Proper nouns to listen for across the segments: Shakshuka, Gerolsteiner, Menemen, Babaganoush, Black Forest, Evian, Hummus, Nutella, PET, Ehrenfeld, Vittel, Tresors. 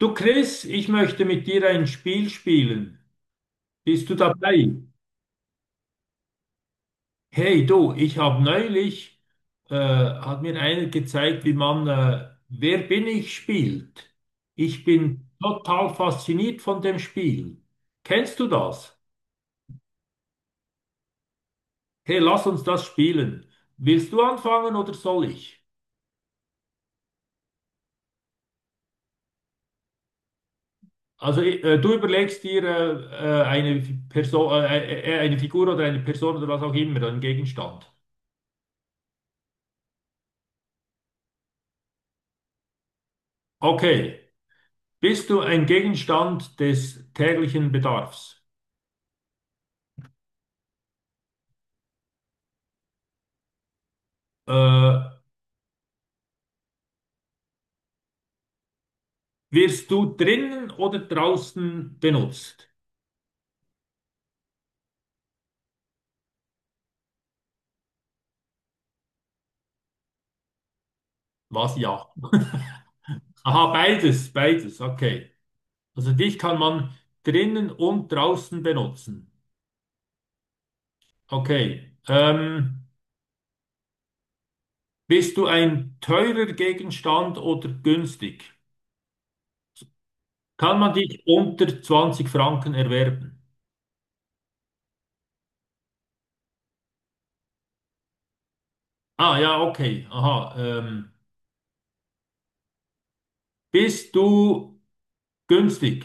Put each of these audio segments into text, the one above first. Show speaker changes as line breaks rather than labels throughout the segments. Du Chris, ich möchte mit dir ein Spiel spielen. Bist du dabei? Hey du, ich habe neulich, hat mir einer gezeigt, wie man Wer bin ich spielt. Ich bin total fasziniert von dem Spiel. Kennst du das? Hey, lass uns das spielen. Willst du anfangen oder soll ich? Also, du überlegst dir eine Person, eine Figur oder eine Person oder was auch immer, einen Gegenstand. Okay. Bist du ein Gegenstand des täglichen Bedarfs? Äh, Wirst du drinnen oder draußen benutzt? Was ja? Aha, beides, beides, okay. Also dich kann man drinnen und draußen benutzen. Okay. Bist du ein teurer Gegenstand oder günstig? Kann man dich unter 20 Franken erwerben? Ah ja, okay. Aha. Bist du günstig?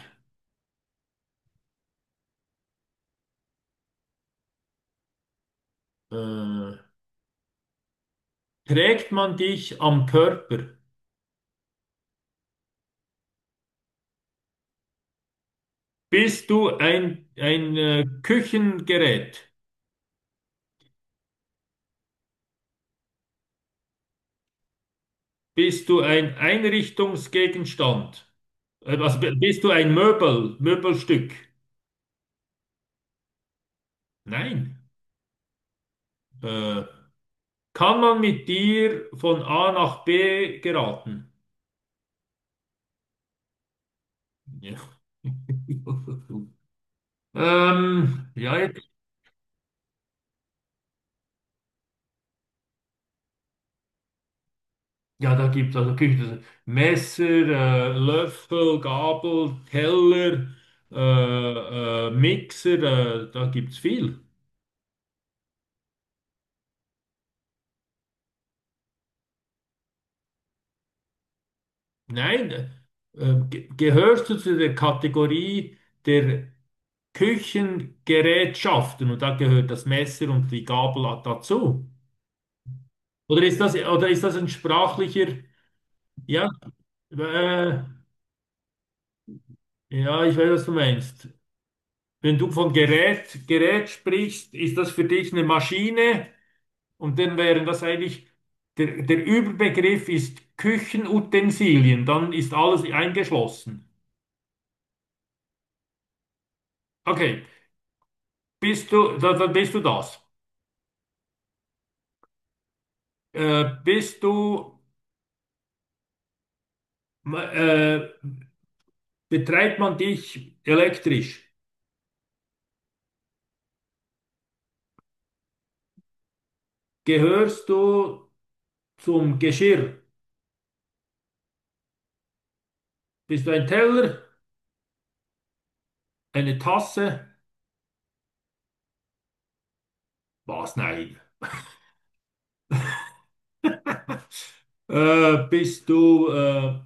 Äh, Trägt man dich am Körper? Bist du ein Küchengerät? Bist du ein Einrichtungsgegenstand? Also bist du ein Möbel, Möbelstück? Nein. Äh, Kann man mit dir von A nach B geraten? Ja. Ähm, ja, Ja, da gibt es also Küche, Messer, Löffel, Gabel, Teller, Mixer, da gibt es viel. Nein, gehörst du zu der Kategorie der Küchengerätschaften, und da gehört das Messer und die Gabel dazu? Oder ist das ein sprachlicher, ja, äh, ja, ich weiß, was du meinst. Wenn du von Gerät sprichst, ist das für dich eine Maschine? Und dann wären das eigentlich, der Überbegriff ist Küchenutensilien, dann ist alles eingeschlossen. Okay, bist du, da bist du das. Äh, bist du, äh, betreibt man dich elektrisch? Gehörst du zum Geschirr? Bist du ein Teller, eine Tasse? Was? Nein. Äh, bist du, äh,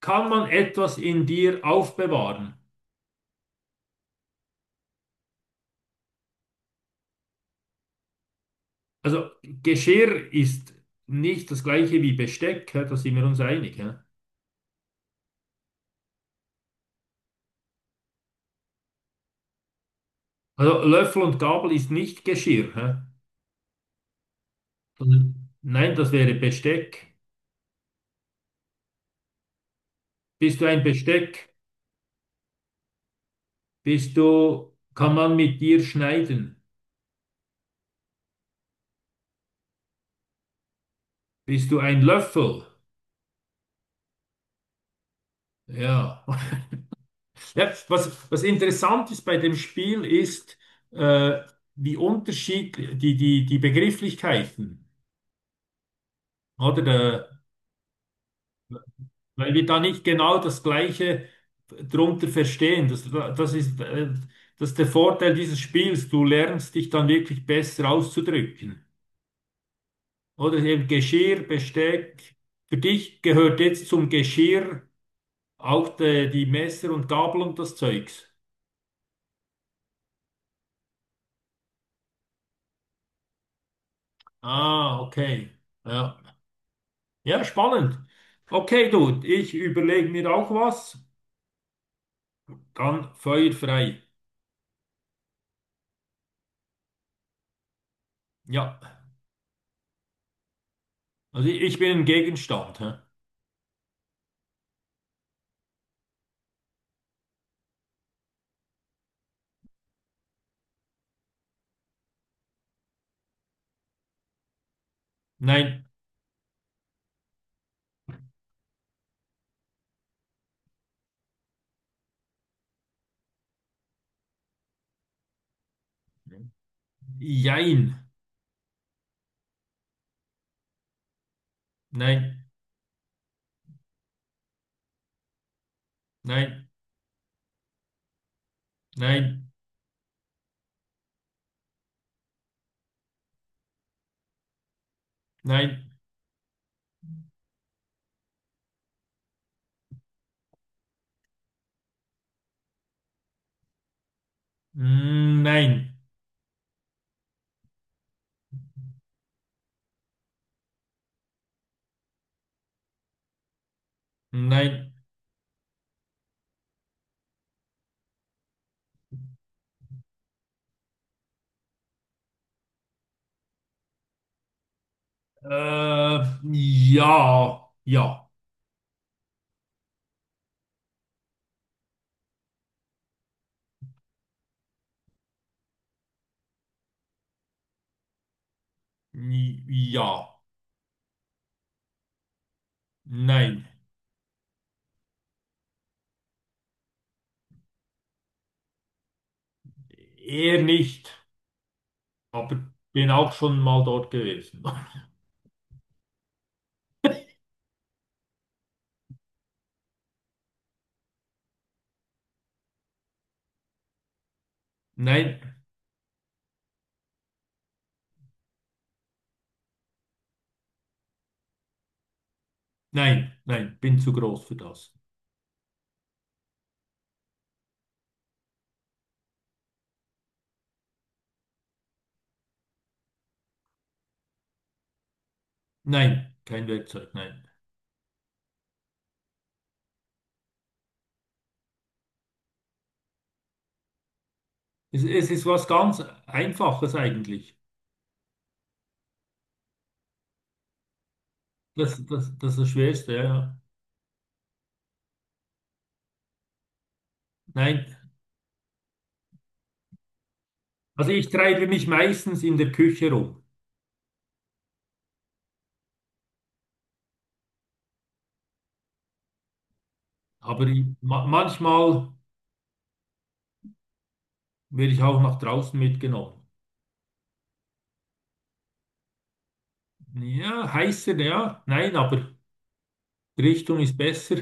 kann man etwas in dir aufbewahren? Also Geschirr ist nicht das gleiche wie Besteck, hä? Da sind wir uns einig. Hä? Also Löffel und Gabel ist nicht Geschirr. Hä? Sondern- nein, das wäre Besteck. Bist du ein Besteck? Bist du, kann man mit dir schneiden? Bist du ein Löffel? Ja. Ja, was interessant ist bei dem Spiel ist, äh, wie unterschiedlich die Begrifflichkeiten, oder? Der Weil wir da nicht genau das Gleiche drunter verstehen. Das ist, das ist der Vorteil dieses Spiels. Du lernst dich dann wirklich besser auszudrücken. Oder eben Geschirr, Besteck. Für dich gehört jetzt zum Geschirr auch die Messer und Gabel und das Zeugs. Ah, okay. Ja, ja, spannend. Okay, du, ich überlege mir auch was. Dann feuerfrei. Ja, also ich bin ein Gegenstand. Hä? Nein, jein. Nein, nein, nein, nein, nein, nein. Äh, ja, ja, ja, nein. Eher nicht, aber bin auch schon mal dort gewesen. Nein, nein, nein, bin zu groß für das. Nein, kein Werkzeug, nein. Es ist was ganz Einfaches eigentlich. Das ist das Schwerste, ja. Ja. Nein, also ich treibe mich meistens in der Küche rum, aber ich, ma manchmal. Werde ich auch nach draußen mitgenommen. Ja, heißer, ja. Nein, aber die Richtung ist besser.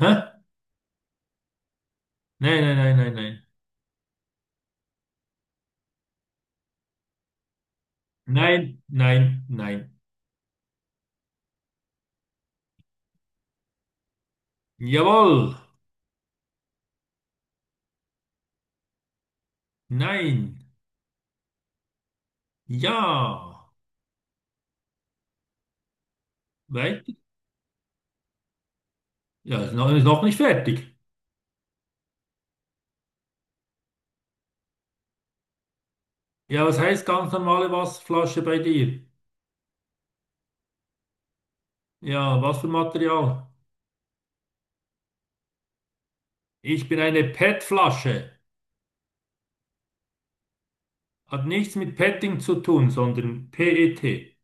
Hä? Nein, nein, nein, nein, nein. Nein, nein, nein. Jawohl. Nein. Ja. Weiter. Ja, ist noch nicht fertig. Ja, was heißt ganz normale Wasserflasche bei dir? Ja, was für Material? Ich bin eine PET-Flasche. Hat nichts mit Petting zu tun, sondern PET.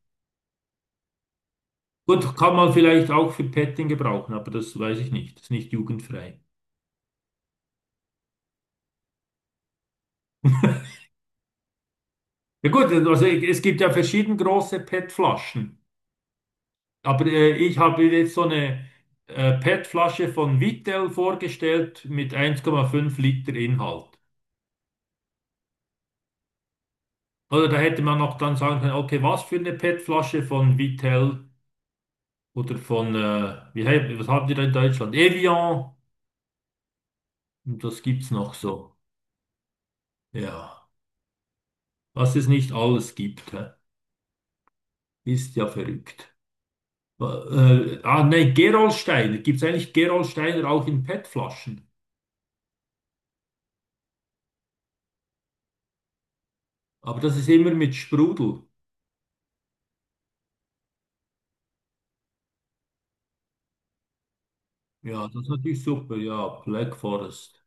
Gut, kann man vielleicht auch für Petting gebrauchen, aber das weiß ich nicht. Ist nicht jugendfrei. Ja gut, also es gibt ja verschieden große PET-Flaschen. Aber ich habe jetzt so eine PET-Flasche von Vittel vorgestellt mit 1,5 Liter Inhalt. Oder da hätte man noch dann sagen können, okay, was für eine PET-Flasche von Vittel oder von, was habt ihr da in Deutschland? Evian. Und das gibt's noch so. Ja, was es nicht alles gibt, hä? Ist ja verrückt. Nee, Gerolsteiner. Gibt's eigentlich Gerolsteiner auch in PET-Flaschen? Aber das ist immer mit Sprudel. Ja, das ist natürlich super. Ja, Black Forest.